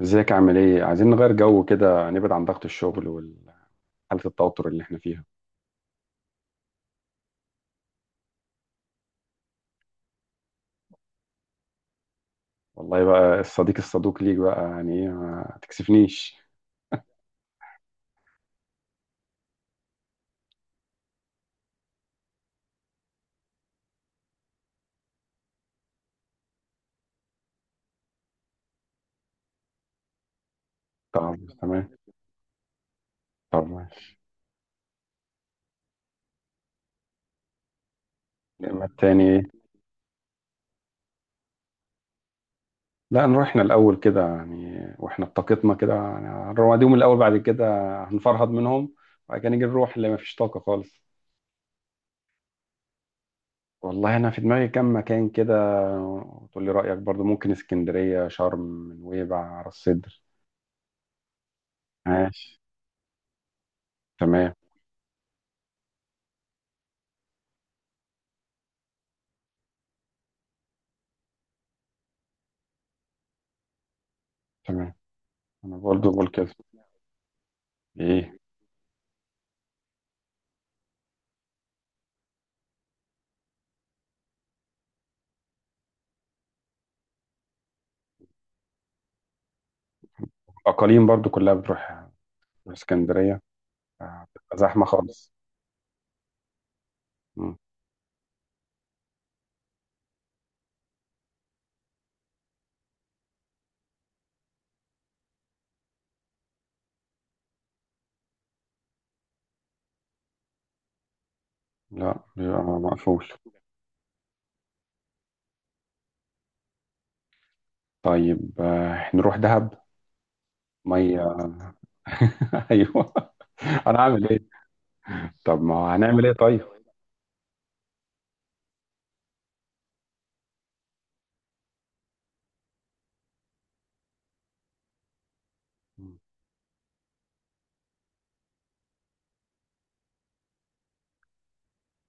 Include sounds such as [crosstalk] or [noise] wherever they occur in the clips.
ازيك عامل ايه؟ عايزين نغير جو كده، نبعد عن ضغط الشغل وحالة التوتر اللي احنا فيها. والله بقى الصديق الصدوق ليك بقى، يعني ايه ما تكسفنيش؟ طب تمام. طب ما التاني ايه؟ لا، نروحنا الأول كده يعني، واحنا بطاقتنا كده، نرميهم الأول بعد كده، هنفرهد منهم، وبعد كده نيجي نروح اللي ما فيش طاقة خالص. والله أنا في دماغي كام مكان كده، وتقول لي رأيك برضو، ممكن اسكندرية، شرم، نويبع، راس سدر. ماشي. تمام. تمام، أنا برضو بقول كده. ايه؟ اقاليم برضو كلها بتروح اسكندريه. آه، بتبقى زحمه خالص. مم. لا، بيبقى مقفول. طيب، نروح دهب. ميه. [laughs] ايوه. هنعمل ايه؟ طب ما هو هنعمل ايه طيب؟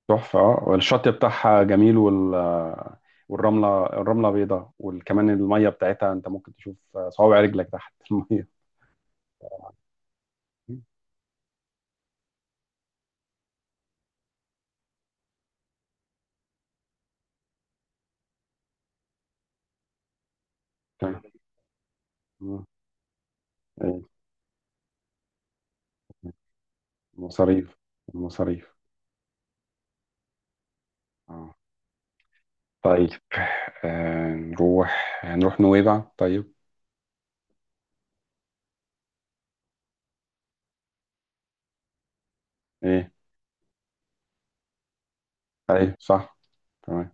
تحفه اه، والشط بتاعها جميل، والرمله بيضاء، وكمان الميه بتاعتها انت ممكن تشوف صوابع رجلك تحت الميه. [laughs] مم. مم. إيه. مصاريف. المصاريف. اه. طيب، هنروح نويبع طيب. ايه؟ ايوه صح. تمام.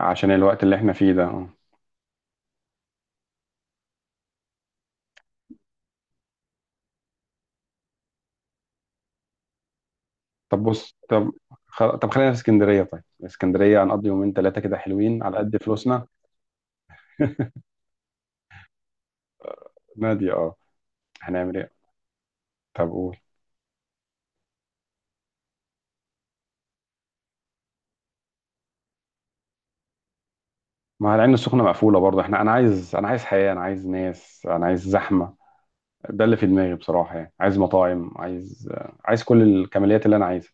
عشان الوقت اللي احنا فيه ده، اه. طب بص، طب خلينا في اسكندرية، طيب اسكندرية هنقضي يومين ثلاثة كده حلوين على قد فلوسنا. [laughs] نادي اه. هنعمل ايه؟ طب قول. ما هو العين السخنة مقفولة برضه، انا عايز حياة، انا عايز ناس، انا عايز زحمة. ده اللي في دماغي بصراحة، يعني عايز مطاعم، عايز كل الكماليات اللي انا عايزها.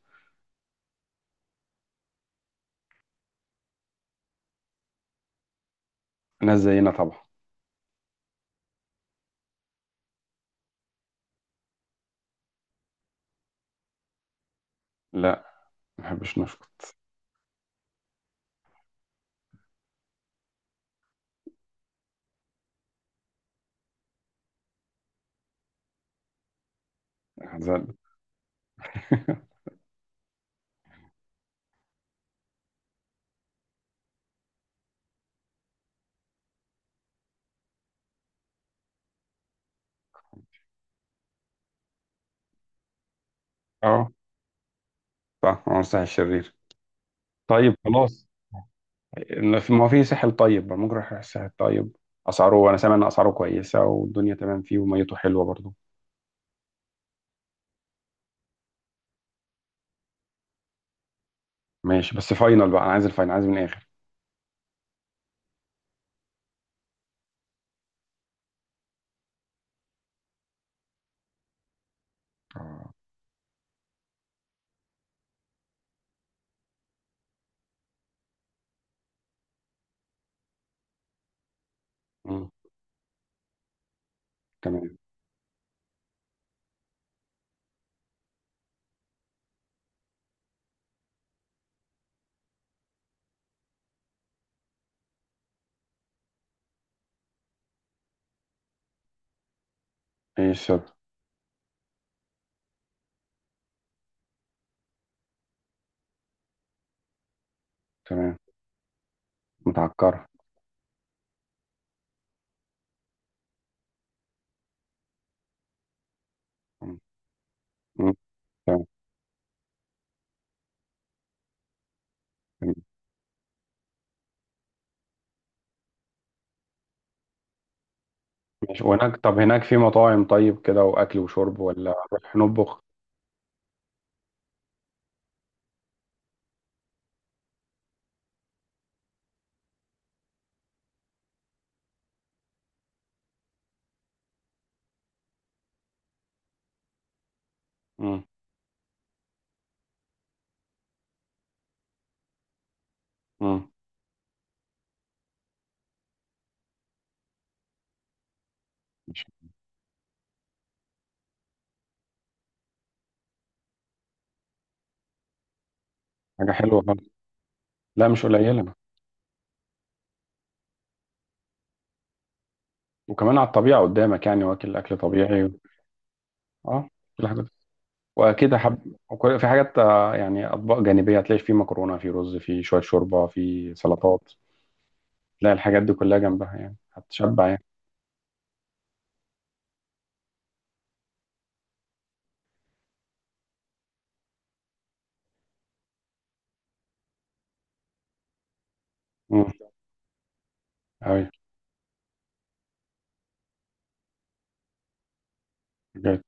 ناس زينا طبعا. لا، ما بحبش نشكر. هنزل. [laughs] اه صح، عمر الساحل الشرير. طيب خلاص. ما هو في ساحل، طيب ممكن اروح الساحل الطيب، اسعاره انا سامع ان اسعاره كويسه، والدنيا تمام فيه وميته حلوه برضو. ماشي، بس فاينل بقى، انا عايز الفاينل، عايز من الاخر. آه. مم. تمام. ايه السبب؟ تمام. متعكره. مم. مم. تمام. تمام. ماشي، وهناك طب هناك في مطاعم طيب كده، واكل وشرب ولا نروح نطبخ؟ مم. مم. مش حاجه حلوه خالص. لا، مش قليله. وكمان على الطبيعه قدامك، يعني اكل طبيعي. اه، كل حاجه. واكيد حب، في حاجات، يعني اطباق جانبيه، هتلاقي في مكرونه، في رز، في شويه شوربه، في سلطات. تلاقي الحاجات دي كلها جنبها، يعني هتشبع يعني. امم. ايوه. بجد.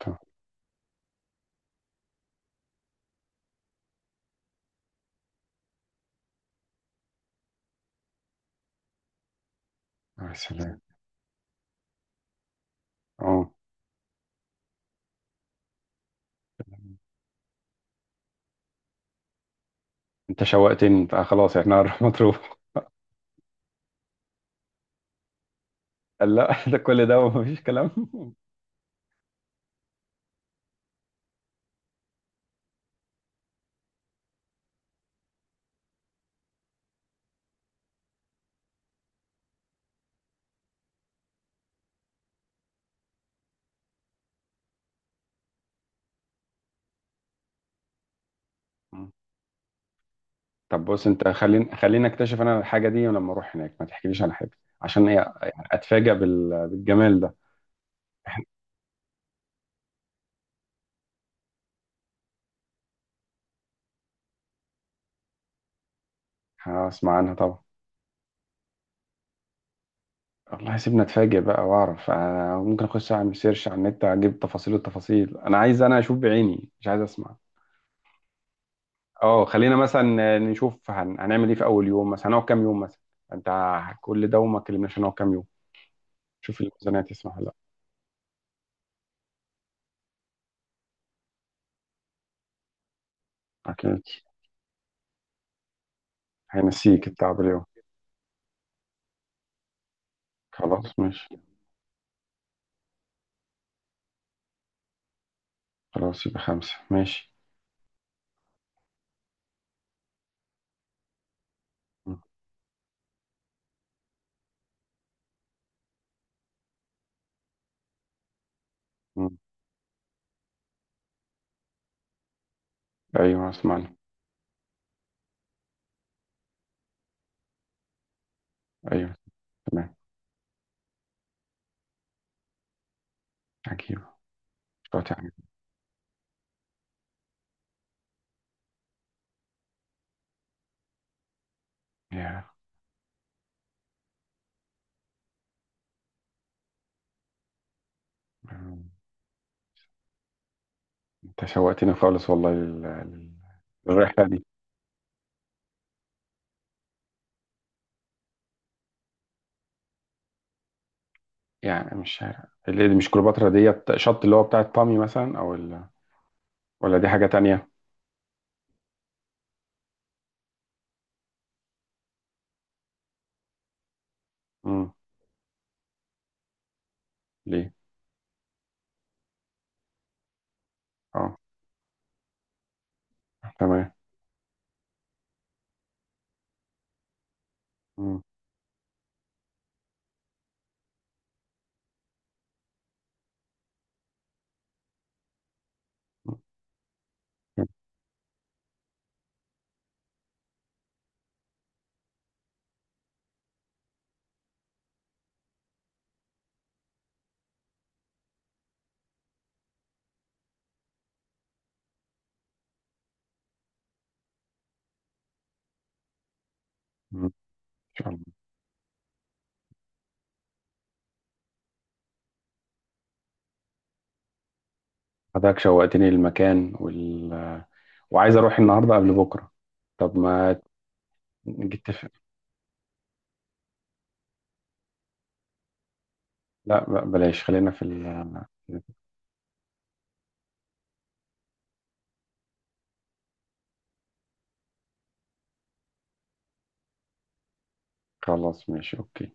يا سلام. اه. انت شوقتني، انت آه، خلاص احنا هنروح [laughs] مطروح. قال لا، [laughs] ده كل ده ومفيش كلام؟ مم. طب بص انت، خليني اكتشف انا الحاجه دي لما اروح هناك، ما تحكيليش عن حاجه. عشان ايه؟ يعني اتفاجئ بالجمال ده. هسمع عنها طبعا. والله سيبنا اتفاجئ بقى واعرف، أنا ممكن اخش اعمل سيرش على النت اجيب تفاصيل التفاصيل، انا اشوف بعيني، مش عايز اسمع. اه، خلينا مثلا نشوف هنعمل ايه في اول يوم مثلا، هنقعد كام يوم مثلا. انت، كل ده وما كلمناش هنقعد كام يوم. شوف الميزانية تسمح ولا لا. اكيد. هينسيك التعب اليوم. خلاص ماشي. خلاص يبقى خمسة، ماشي. م- م. ايوه اسمعني. ايوه. تمام. عجيب. شاطر. يا عم. يا. انت شوقتني خالص، والله للرحلة دي. يعني مش شارع، اللي دي مش كليوباترا، ديت شط اللي هو بتاعت بامي مثلا، ولا دي حاجة تانية؟ امم. ليه؟ اه. تمام. امم. ان شاء الله. حضرتك شوقتني للمكان وعايز اروح النهارده قبل بكره. طب ما نتفق. لا، بلاش، خلاص ماشي اوكي.